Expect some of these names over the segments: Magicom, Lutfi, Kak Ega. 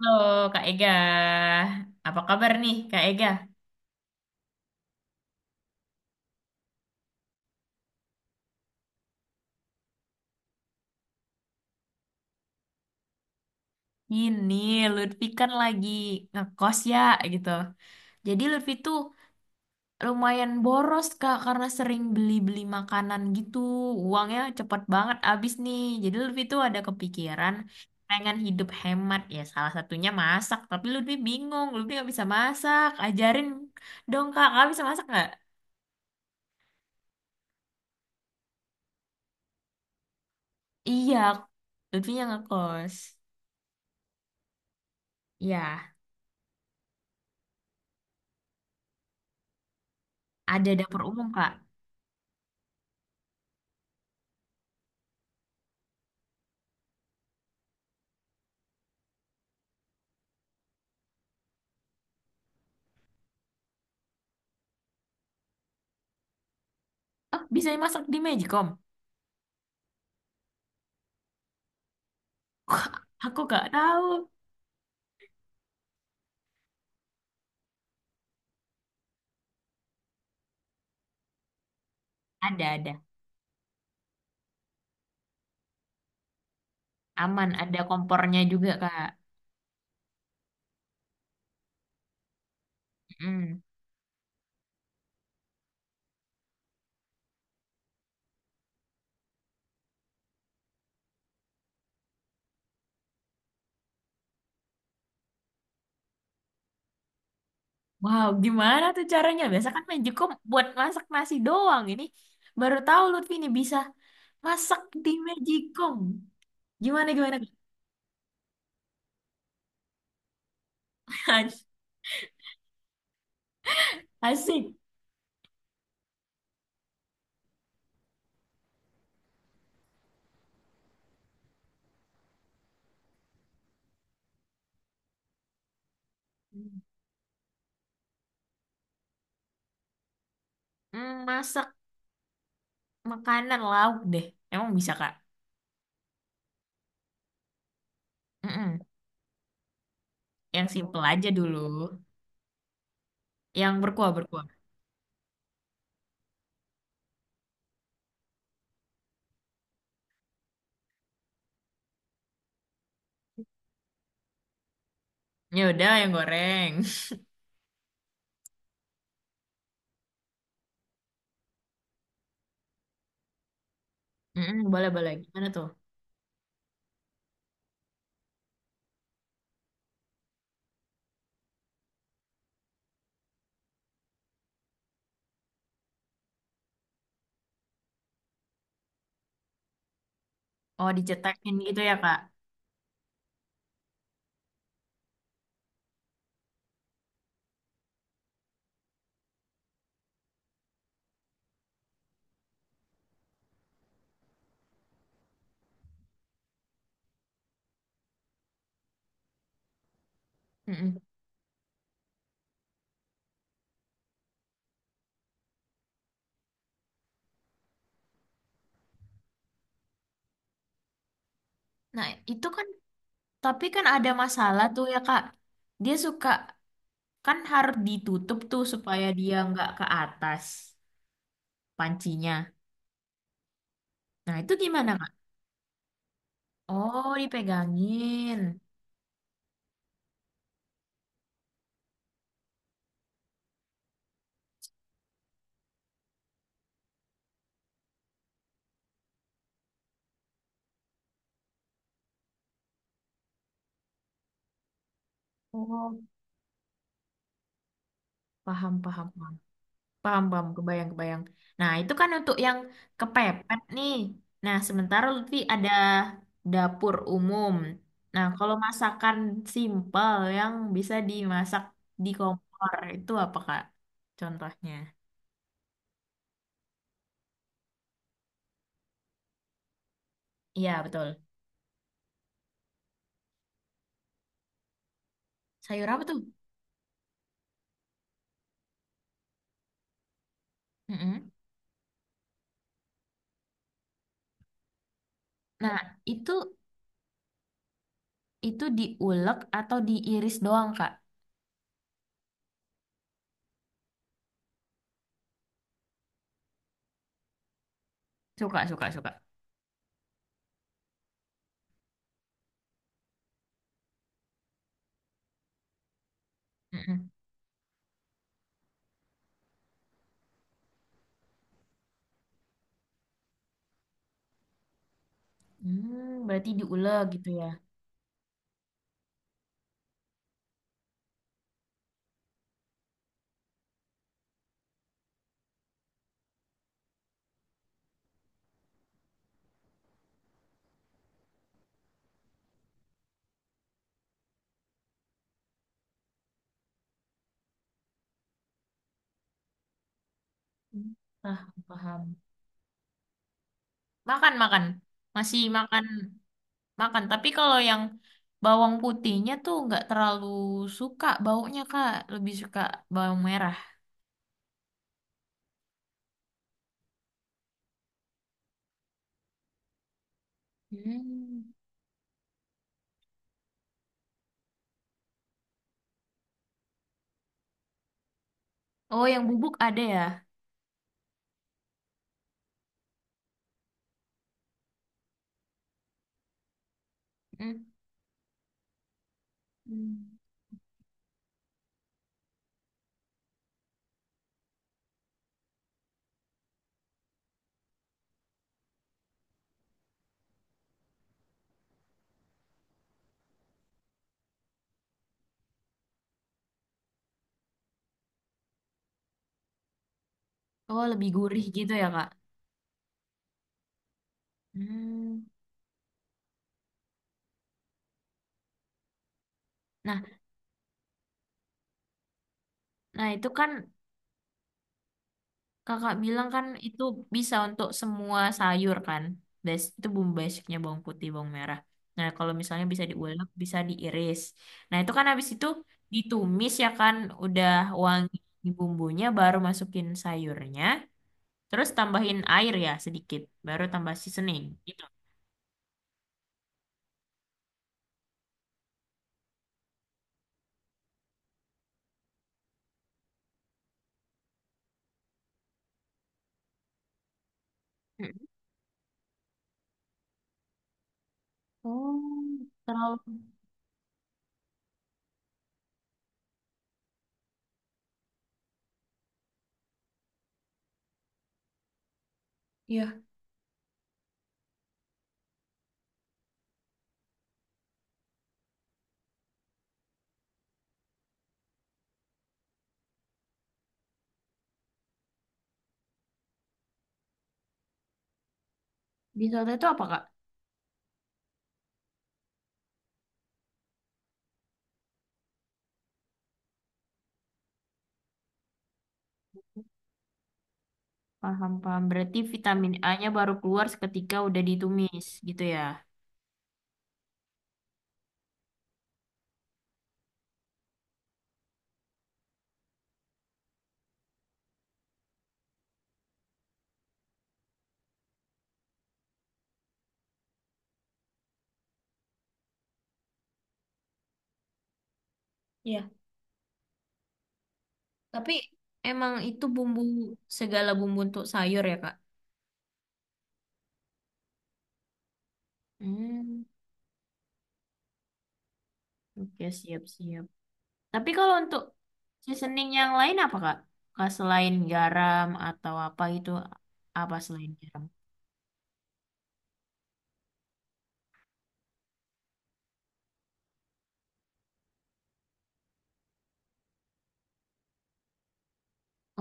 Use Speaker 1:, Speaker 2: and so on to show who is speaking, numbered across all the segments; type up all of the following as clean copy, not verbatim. Speaker 1: Halo Kak Ega, apa kabar nih Kak Ega? Ini Lutfi kan lagi ngekos ya gitu. Jadi Lutfi tuh lumayan boros Kak karena sering beli-beli makanan gitu. Uangnya cepet banget habis nih. Jadi Lutfi tuh ada kepikiran pengen hidup hemat ya salah satunya masak. Tapi Lutfi bingung, Lutfi nggak bisa masak. Ajarin dong Kak, Kakak bisa masak nggak? Iya, Lutfi yang ngekos. Ya, ada dapur umum Kak. Ah bisa dimasak di Magicom? Wah, aku gak tahu. Ada, ada. Aman, ada kompornya juga, Kak. Mm. Wow, gimana tuh caranya? Biasa kan Magicom buat masak nasi doang. Ini baru tahu Lutfi ini bisa masak di Magicom. Gimana, gimana, Kak? Asik. Mm, masak makanan lauk deh. Emang bisa, Kak? Mm-mm. Yang simple aja dulu. Yang berkuah, berkuah. Ya udah, yang goreng. Mm-mm, boleh, boleh. Gimana tuh? Oh, dicetekin gitu ya, Kak? Mm-mm. Nah, itu kan, tapi kan ada masalah tuh ya, Kak. Dia suka, kan harus ditutup tuh supaya dia nggak ke atas pancinya. Nah, itu gimana, Kak? Oh, dipegangin. Oh, paham, paham, paham. Paham, paham, kebayang, kebayang. Nah, itu kan untuk yang kepepet nih. Nah, sementara Lutfi ada dapur umum. Nah, kalau masakan simpel yang bisa dimasak di kompor, itu apa, Kak? Contohnya. Iya, betul. Sayur apa tuh? Mm-mm. Nah, itu itu diulek atau diiris doang, Kak? Suka, suka, suka. Mm-mm. Hmm, berarti diulek gitu ya. Hmm. Ah, paham. Makan, makan. Masih makan, makan. Tapi kalau yang bawang putihnya tuh nggak terlalu suka baunya, Kak. Lebih suka bawang merah. Hmm. Oh, yang bubuk ada ya? Mm. Hmm. Oh, lebih gurih gitu ya, Kak? Hmm. Nah, nah, itu kan Kakak bilang kan itu bisa untuk semua sayur kan. Bas- itu bumbu basicnya bawang putih, bawang merah. Nah, kalau misalnya bisa diulek, bisa diiris. Nah, itu kan habis itu ditumis ya kan, udah wangi bumbunya, baru masukin sayurnya, terus tambahin air ya sedikit, baru tambah seasoning gitu. Mm. Oh, Terlalu ya. Di soto itu apa, Kak? Paham, paham. Berarti vitamin A-nya baru keluar seketika udah ditumis gitu ya. Tapi emang itu bumbu segala bumbu untuk sayur ya, Kak? Hmm, oke siap-siap. Tapi kalau untuk seasoning yang lain apa Kak? Kak, selain garam atau apa itu apa selain garam?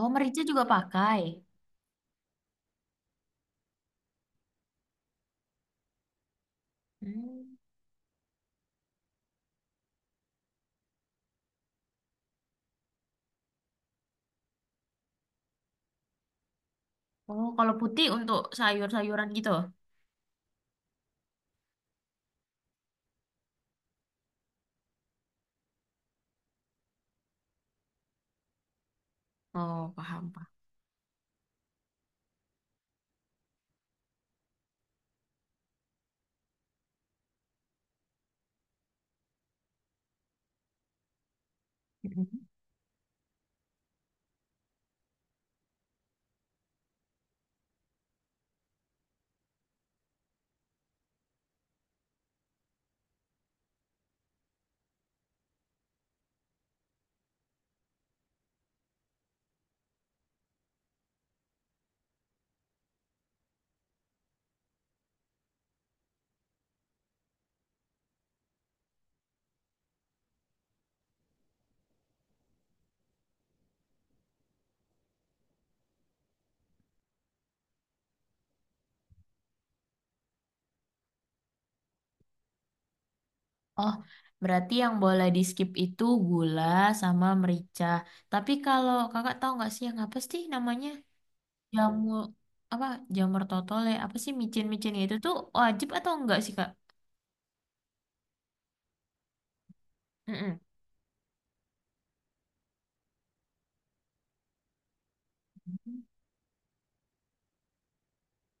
Speaker 1: Oh, merica juga pakai. Hmm. Oh, kalau putih untuk sayur-sayuran gitu. Oh paham paham. Mhm. Oh, berarti yang boleh di skip itu gula sama merica. Tapi kalau kakak tahu nggak sih yang apa sih namanya? Jamu apa jamur totole apa sih micin-micin itu tuh wajib atau enggak sih Kak? Mm-mm.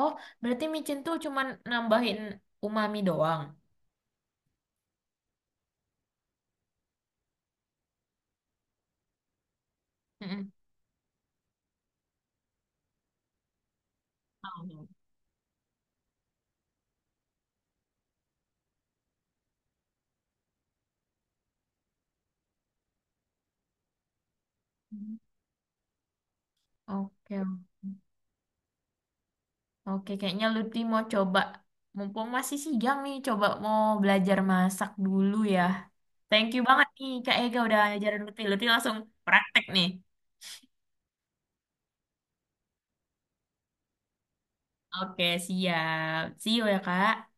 Speaker 1: Oh, berarti micin tuh cuman nambahin umami doang. Mm-mm. Oh. Oke, oke. Kayaknya Lutfi mau coba, mumpung masih siang nih, coba mau belajar masak dulu ya. Thank you banget nih Kak Ega udah ajarin Lutfi. Lutfi langsung praktek nih. Oke, siap. See you ya Kak.